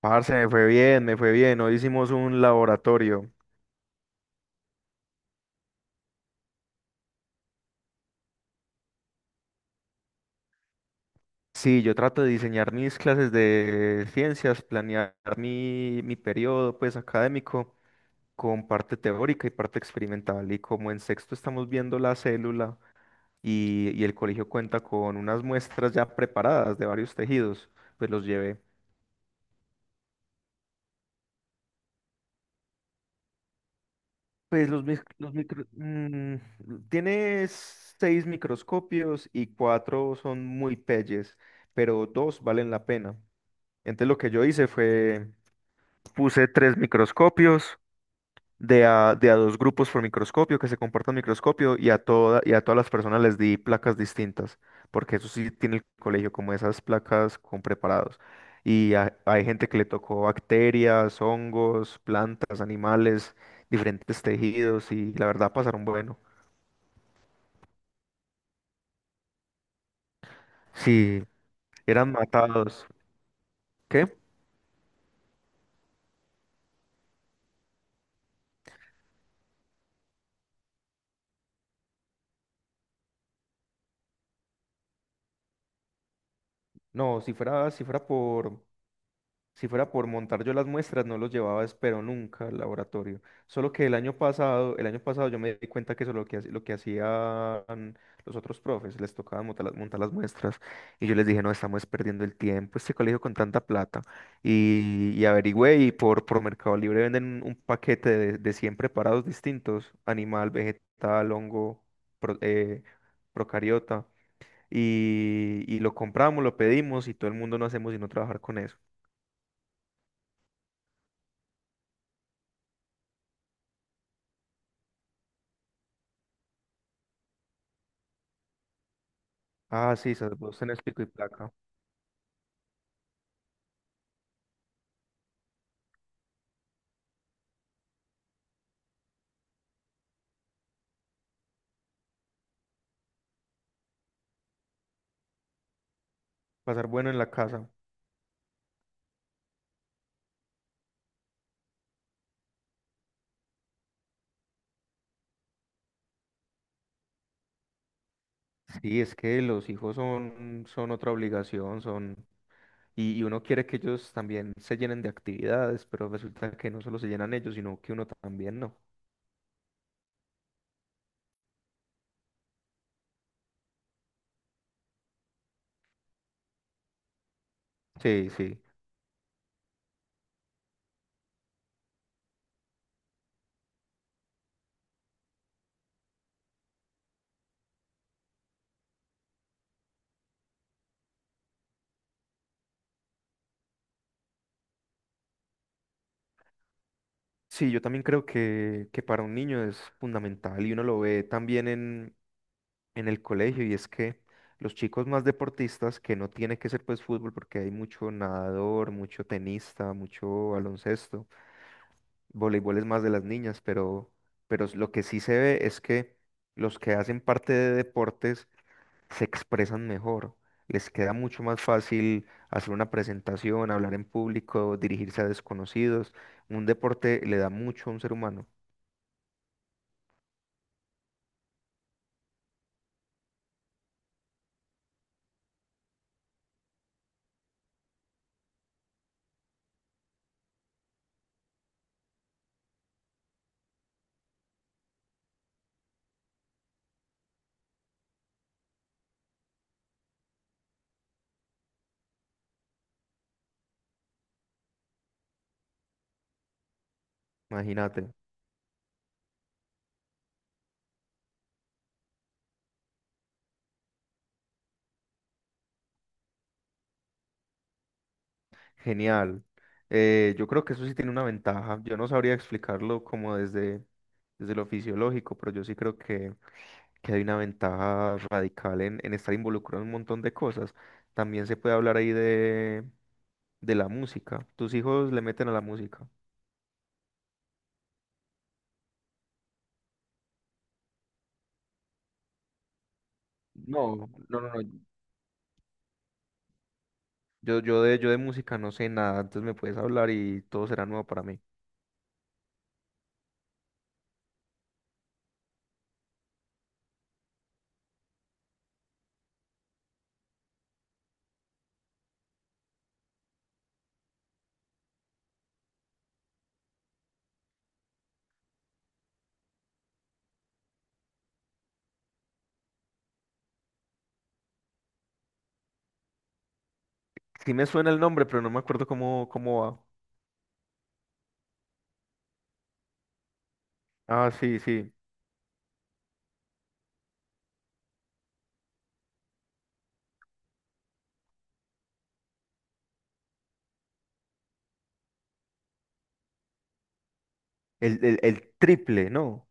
Parce, me fue bien, me fue bien. Hoy hicimos un laboratorio. Sí, yo trato de diseñar mis clases de ciencias, planear mi periodo pues académico con parte teórica y parte experimental. Y como en sexto estamos viendo la célula y el colegio cuenta con unas muestras ya preparadas de varios tejidos, pues los llevé. Pues los, mic- los micro... mm, tiene seis microscopios y cuatro son muy pelles, pero dos valen la pena. Entonces lo que yo hice fue, puse tres microscopios de a dos grupos por microscopio que se comportan microscopio y a todas las personas les di placas distintas, porque eso sí tiene el colegio, como esas placas con preparados. Hay gente que le tocó bacterias, hongos, plantas, animales, diferentes tejidos y la verdad pasaron bueno. Si eran matados, ¿qué? No, si fuera por montar yo las muestras, no los llevaba, espero nunca al laboratorio. Solo que el año pasado yo me di cuenta que eso es lo que hacían los otros profes, les tocaba montar las muestras. Y yo les dije, no, estamos perdiendo el tiempo, este colegio con tanta plata. Y averigüé y por Mercado Libre venden un paquete de 100 preparados distintos, animal, vegetal, hongo, pro- eh, procariota. Y lo compramos, lo pedimos y todo el mundo no hacemos sino trabajar con eso. Ah, sí, se vos tenés pico y placa. Pasar bueno en la casa. Sí, es que los hijos son otra obligación, son... Y uno quiere que ellos también se llenen de actividades, pero resulta que no solo se llenan ellos, sino que uno también no. Sí, sí. Sí, yo también creo que para un niño es fundamental y uno lo ve también en el colegio y es que los chicos más deportistas, que no tiene que ser pues fútbol porque hay mucho nadador, mucho tenista, mucho baloncesto, voleibol es más de las niñas, pero lo que sí se ve es que los que hacen parte de deportes se expresan mejor, les queda mucho más fácil hacer una presentación, hablar en público, dirigirse a desconocidos. Un deporte le da mucho a un ser humano, imagínate. Genial. Yo creo que eso sí tiene una ventaja. Yo no sabría explicarlo como desde lo fisiológico, pero yo sí creo que hay una ventaja radical en estar involucrado en un montón de cosas. También se puede hablar ahí de la música. ¿Tus hijos le meten a la música? No, no, no, no. Yo de música no sé nada, entonces me puedes hablar y todo será nuevo para mí. Sí me suena el nombre, pero no me acuerdo cómo va. Ah, sí, sí. El triple, ¿no?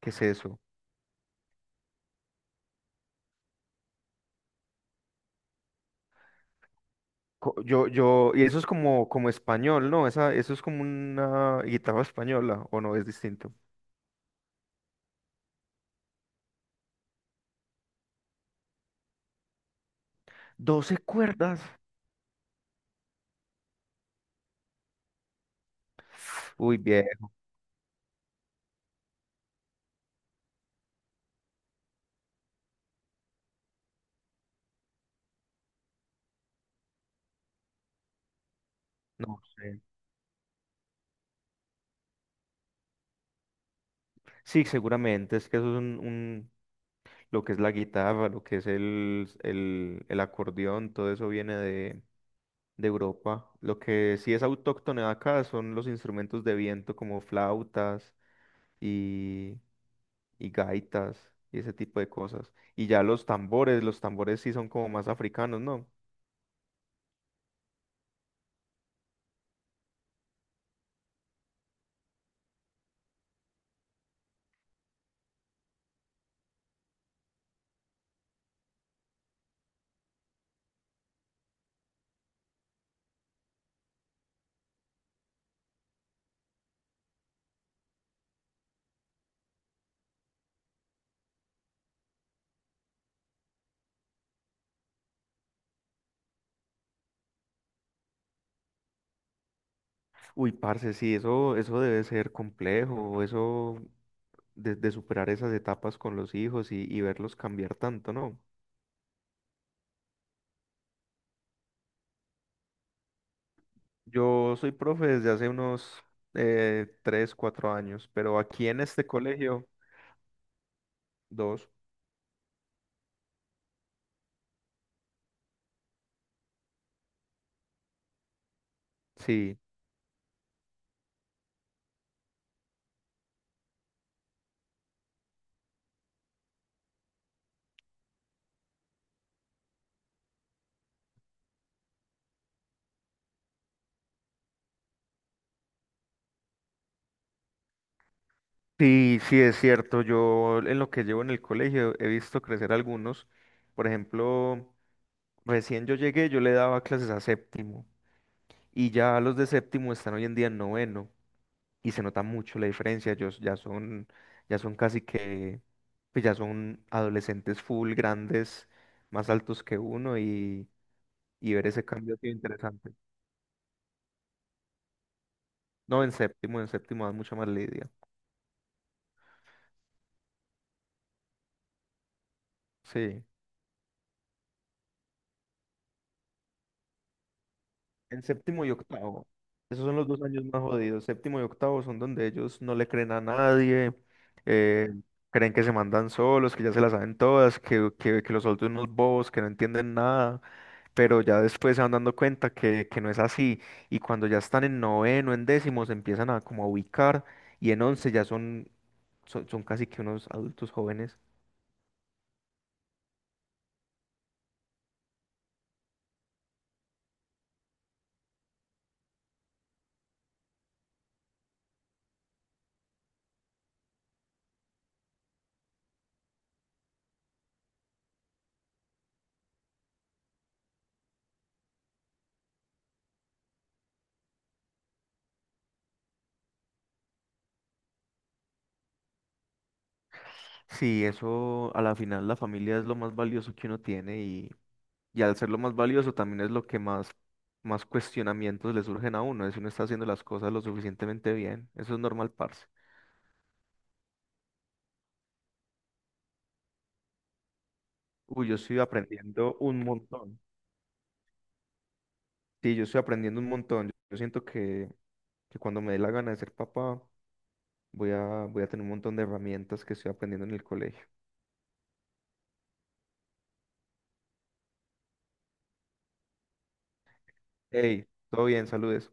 ¿Qué es eso? Y eso es como español, ¿no? Eso es como una guitarra española, ¿o no? Es distinto. 12 cuerdas. Uy, bien. No sé. Sí, seguramente. Es que eso es lo que es la guitarra, lo que es el acordeón, todo eso viene de Europa. Lo que sí es autóctono de acá son los instrumentos de viento como flautas y, y gaitas y ese tipo de cosas. Y ya los tambores sí son como más africanos, ¿no? Uy, parce, sí, eso debe ser complejo, eso de superar esas etapas con los hijos y verlos cambiar tanto, ¿no? Yo soy profe desde hace unos tres, cuatro años, pero aquí en este colegio, dos, sí. Sí, sí, es cierto. Yo en lo que llevo en el colegio he visto crecer algunos. Por ejemplo, recién yo llegué, yo le daba clases a séptimo y ya los de séptimo están hoy en día en noveno y se nota mucho la diferencia. Ellos ya son casi que, pues ya son adolescentes full, grandes, más altos que uno y ver ese cambio ha sido interesante. No, en séptimo, dan mucha más lidia. Sí, en séptimo y octavo. Esos son los dos años más jodidos. Séptimo y octavo son donde ellos no le creen a nadie, eh, creen que se mandan solos, que ya se las saben todas, que los adultos son unos bobos, que no entienden nada, pero ya después se van dando cuenta que no es así. Y cuando ya están en noveno, en décimo, se empiezan a como a ubicar y en 11 ya son, casi que unos adultos jóvenes. Sí, eso a la final la familia es lo más valioso que uno tiene. Y al ser lo más valioso también es lo que más cuestionamientos le surgen a uno, es si uno está haciendo las cosas lo suficientemente bien. Eso es normal, parce. Uy, yo estoy aprendiendo un montón. Sí, yo estoy aprendiendo un montón. Yo siento que cuando me dé la gana de ser papá, voy a tener un montón de herramientas que estoy aprendiendo en el colegio. Hey, todo bien, saludes.